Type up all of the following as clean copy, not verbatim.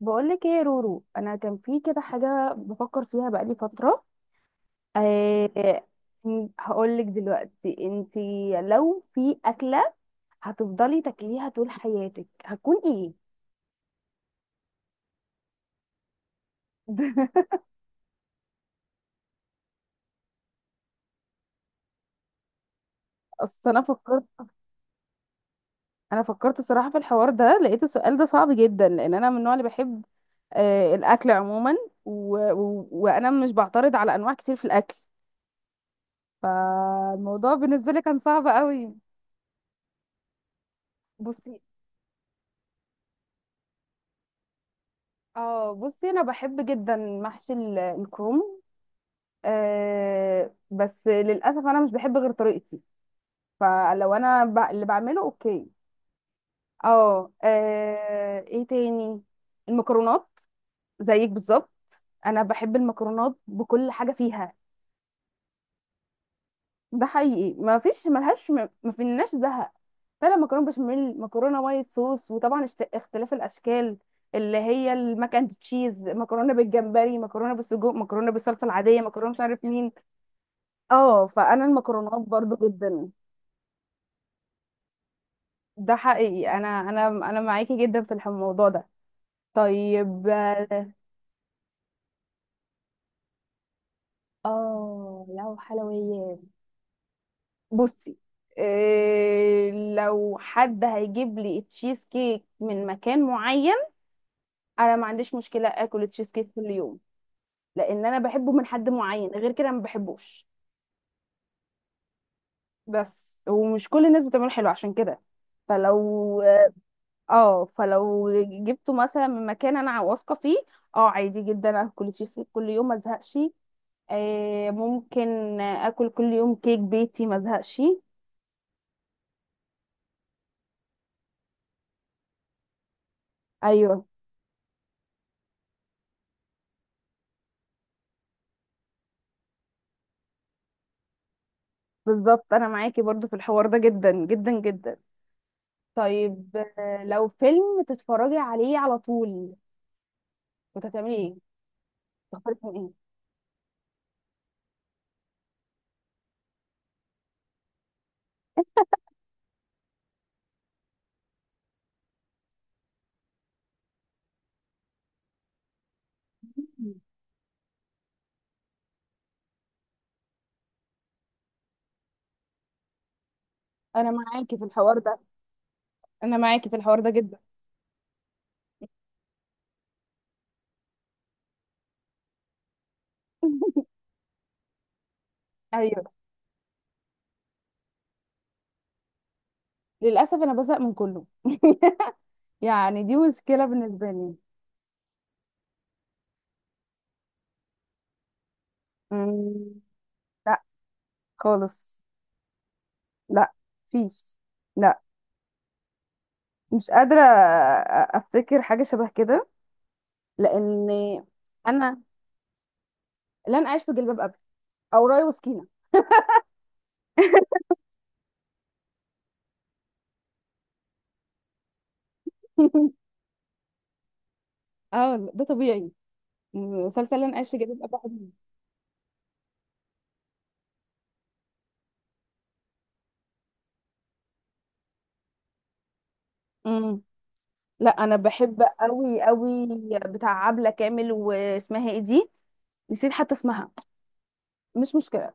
بقولك ايه يا رورو، انا كان في كده حاجه بفكر فيها بقالي فتره. أه. هقولك دلوقتي. انتي لو في اكله هتفضلي تاكليها طول حياتك هتكون ايه؟ اصل انا فكرت انا فكرت صراحه في الحوار ده، لقيت السؤال ده صعب جدا لان انا من النوع اللي بحب الاكل عموما، وانا مش بعترض على انواع كتير في الاكل. فالموضوع بالنسبه لي كان صعب قوي. بصي. اه، بصي، انا بحب جدا محشي الكروم. بس للاسف انا مش بحب غير طريقتي. فلو انا، اللي بعمله اوكي. اه، ايه تاني؟ المكرونات. زيك بالظبط، انا بحب المكرونات بكل حاجه فيها. ده حقيقي، ما فيش، ملهاش، ما فيناش زهق. فعلا مكرونه بشاميل، مكرونه وايت صوص، وطبعا اختلاف الاشكال، اللي هي الماك اند تشيز، مكرونه بالجمبري، مكرونه بالسجق، مكرونه بالصلصه العاديه، مكرونه مش عارف مين. اه، فانا المكرونات برضو جدا. ده حقيقي، انا معاكي جدا في الموضوع ده. طيب. اه، لو حلويات، بصي. إيه، لو حد هيجيب لي تشيز كيك من مكان معين، انا ما عنديش مشكله اكل تشيز كيك كل يوم. لان انا بحبه من حد معين، غير كده ما بحبوش. بس ومش كل الناس بتعمله حلو، عشان كده فلو اه فلو جبته مثلا من مكان انا واثقه فيه. اه، عادي جدا اكل تشيز كيك كل يوم ما ازهقش. ممكن اكل كل يوم كيك بيتي ما ازهقش. ايوه، بالظبط. انا معاكي برضو في الحوار ده جدا جدا جدا. طيب، لو فيلم تتفرجي عليه على طول كنت هتعملي ايه؟ تختاري فيلم ايه؟ انا معاكي في الحوار ده. انا معاكي في الحوار ده جدا. ايوه، للاسف انا بزهق من كله. يعني دي مشكله بالنسبه لي. أمم، لا. خالص. لا. فيش. لا، مش قادره. افتكر حاجه شبه كده، لان انا، لن اعيش في جلباب ابي، او راي وسكينه. اه والله، ده طبيعي. مسلسل لن اعيش في جلباب ابي حلو. امم. لا، انا بحب قوي قوي. بتاع عبله كامل، واسمها ايه دي؟ نسيت حتى اسمها. مش مشكله.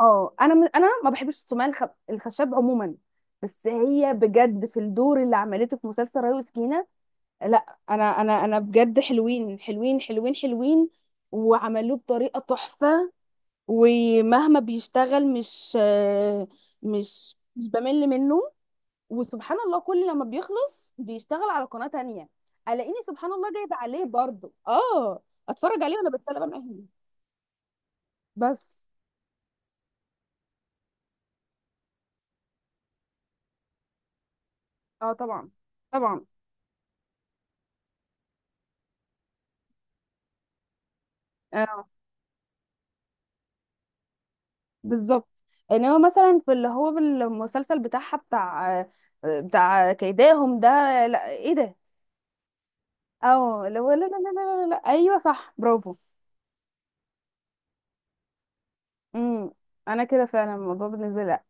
اه، انا ما بحبش السماعه الخشب عموما. بس هي بجد في الدور اللي عملته في مسلسل ريا وسكينه. لا، انا بجد، حلوين حلوين حلوين حلوين، وعملوه بطريقه تحفه. ومهما بيشتغل مش آه، مش مش بمل منه. وسبحان الله كل لما بيخلص بيشتغل على قناه تانية، الاقيني سبحان الله جايبه عليه برضه. اه، اتفرج عليه وانا بتسلى بقى من أهلي. بس. اه، طبعا طبعا. آه. بالظبط. يعني هو مثلا في، اللي هو المسلسل بتاعها، بتاع كيداهم ده. لا، ايه ده؟ اه، اللي هو، لا لا لا لا لا لا، ايوه، صح، برافو. امم انا كده فعلا الموضوع بالنسبه لي لا.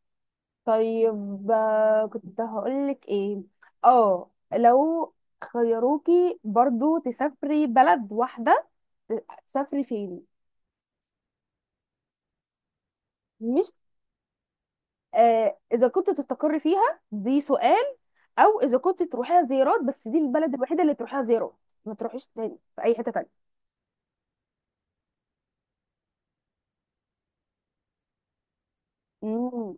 طيب، كنت هقول لك ايه، اه، لو خيروكي برضو تسافري بلد واحده، تسافري فين؟ مش، اذا كنت تستقر فيها، دي سؤال، او اذا كنت تروحيها زيارات بس، دي البلد الوحيده اللي تروحيها زيارات، ما تروحيش تاني في اي حته تانية. امم.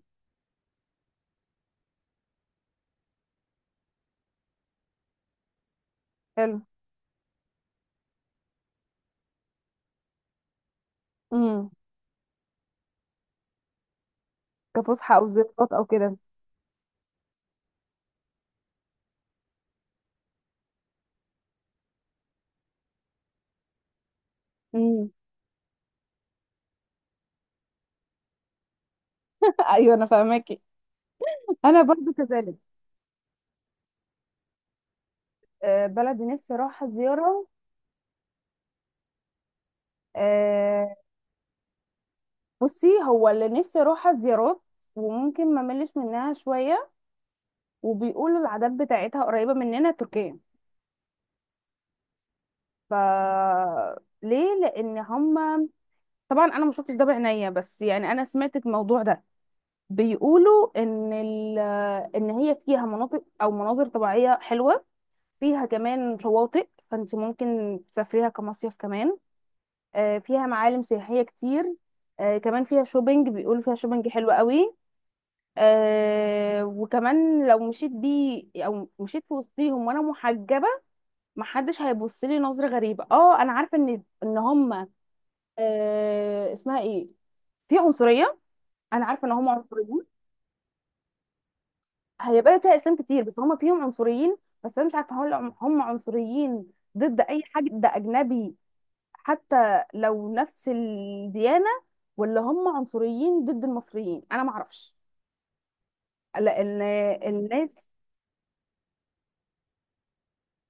حلو. امم كفسحة أو زيارات أو كده. امم. ايوه، انا فاهماكي. انا برضو كذلك. بلد نفسي اروحها زياره. آه، بصي، هو اللي نفسي اروحها زيارات وممكن ما ملش منها شويه، وبيقولوا العادات بتاعتها قريبه مننا، تركيا. ف، ليه؟ لان هم، طبعا انا ما شفتش ده بعينيا، بس يعني انا سمعت الموضوع ده، بيقولوا ان ان هي فيها مناطق او مناظر طبيعيه حلوه، فيها كمان شواطئ، فانت ممكن تسافريها كمصيف كمان. فيها معالم سياحيه كتير. كمان فيها شوبينج، بيقولوا فيها شوبينج حلو قوي. وكمان لو مشيت بيه او مشيت في وسطيهم وانا محجبه، محدش هيبص لي نظره غريبه. اه، انا عارفه ان هم، اسمها ايه، في عنصريه. انا عارفه ان هم عنصريين. هيبقى لها اسلام كتير بس هم فيهم عنصريين. بس انا مش عارفه هل هم عنصريين ضد اي حاجه، ده اجنبي حتى لو نفس الديانه، ولا هم عنصريين ضد المصريين؟ انا ما اعرفش، لان الناس،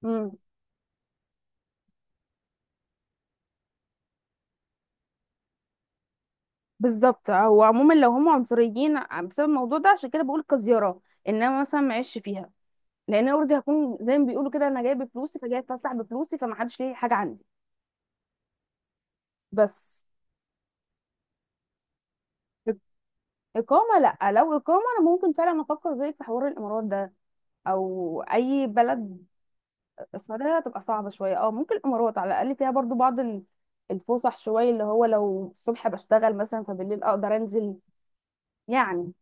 امم. بالظبط، هو عموما لو هم عنصريين بسبب الموضوع ده، عشان كده بقول كزياره. انما مثلا ما عيش فيها، لان انا اوريدي هكون زي ما بيقولوا كده، انا جايه بفلوسي، فجايه اتفسح بفلوسي، فما حدش ليه حاجه عندي. بس إقامة لأ. لو إقامة أنا ممكن فعلا أفكر زيك في حوار الإمارات ده، أو أي بلد. السعودية هتبقى صعبة شوية. ممكن الإمارات على الأقل فيها برضو بعض الفسح شوية، اللي هو لو الصبح بشتغل مثلا فبالليل أقدر أنزل. يعني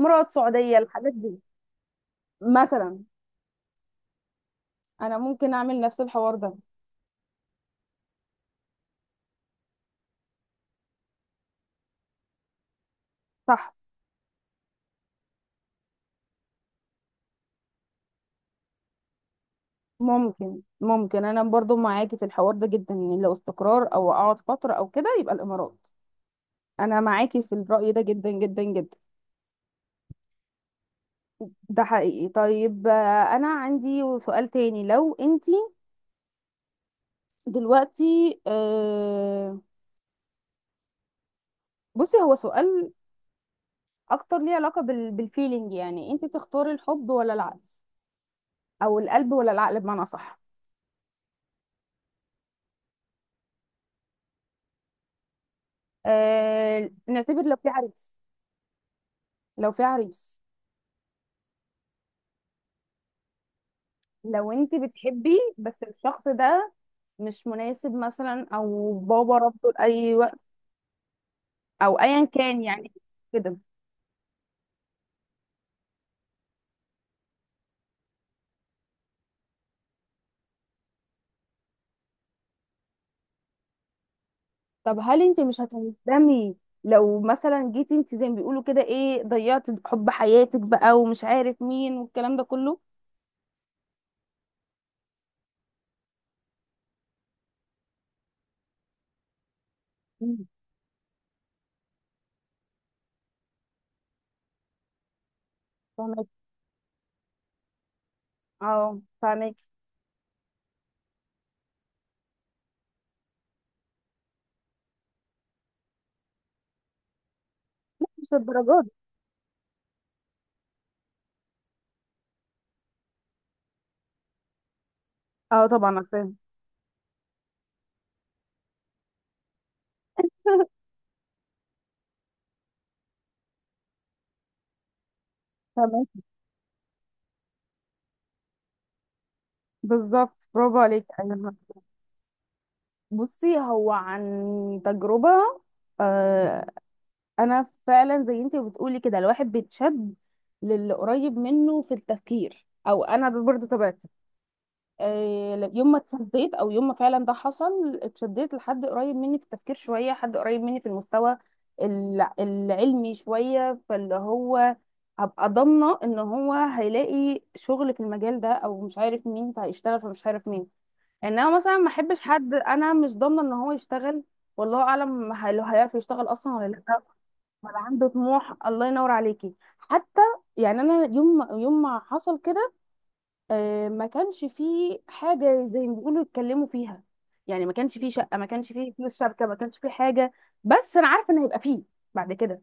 إمارات، سعودية، الحاجات دي مثلا أنا ممكن أعمل نفس الحوار ده. صح، ممكن أنا برضو معاكي في الحوار ده جدا. يعني لو استقرار أو أقعد فترة أو كده، يبقى الإمارات. أنا معاكي في الرأي ده جدا جدا جدا. ده حقيقي. طيب، انا عندي سؤال تاني. لو انتي دلوقتي، بصي، هو سؤال اكتر ليه علاقة بالفيلينج، يعني انتي تختاري الحب ولا العقل، او القلب ولا العقل، بمعنى صح؟ نعتبر لو في عريس، لو انتي بتحبي بس الشخص ده مش مناسب مثلا، او بابا رفضه لاي وقت، او ايا كان، يعني كده. طب هل انت مش هتندمي لو مثلا جيتي انت زي ما بيقولوا كده، ايه ضيعتي حب حياتك بقى ومش عارف مين والكلام ده كله؟ مم. فاهمك. اه، فاهمك. لا، مش للدرجه دي. اه، طبعا، أنا فاهم. فاهمك. بالظبط، برافو عليك. ايوه. بصي، هو عن تجربه. آه انا فعلا زي انت بتقولي كده، الواحد بيتشد للي قريب منه في التفكير، او انا ده برضه تبعتي. يوم ما اتشديت، او يوم ما فعلا ده حصل، اتشديت لحد قريب مني في التفكير شويه، حد قريب مني في المستوى العلمي شويه، فاللي هو هبقى ضامنه ان هو هيلاقي شغل في المجال ده او مش عارف مين، فهيشتغل فمش عارف مين. انما مثلا ما احبش حد انا مش ضامنه ان هو يشتغل، والله اعلم هيعرف يشتغل اصلا ولا لا. ولا عنده طموح، الله ينور عليكي. حتى يعني انا يوم ما حصل كده، ما كانش فيه حاجة زي ما بيقولوا يتكلموا فيها. يعني ما كانش فيه شقة، ما كانش فيه فلوس شبكة، ما كانش فيه حاجة. بس أنا عارفة إن هيبقى فيه بعد كده.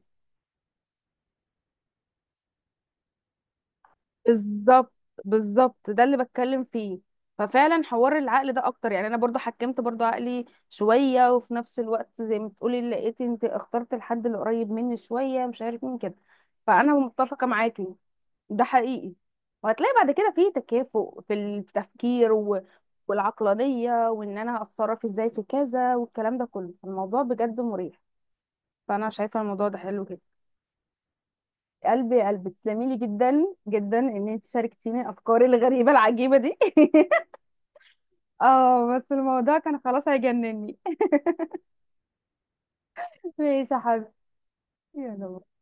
بالظبط. بالظبط، ده اللي بتكلم فيه. ففعلا حوار العقل ده اكتر. يعني انا برضو حكمت برضو عقلي شويه، وفي نفس الوقت زي ما بتقولي لقيت، انت اخترت الحد اللي قريب مني شويه، مش عارف مين كده. فانا متفقه معاكي. ده حقيقي. وهتلاقي بعد كده في تكافؤ في التفكير، والعقلانية، وان انا هتصرف ازاي في كذا والكلام ده كله، الموضوع بجد مريح. فانا شايفة الموضوع ده حلو جدا. قلبي، يا قلبي، تسلمي لي جدا جدا ان انت شاركتيني افكاري الغريبة العجيبة دي. اه بس الموضوع كان خلاص هيجنني. ماشي يا حبيبي. يلا.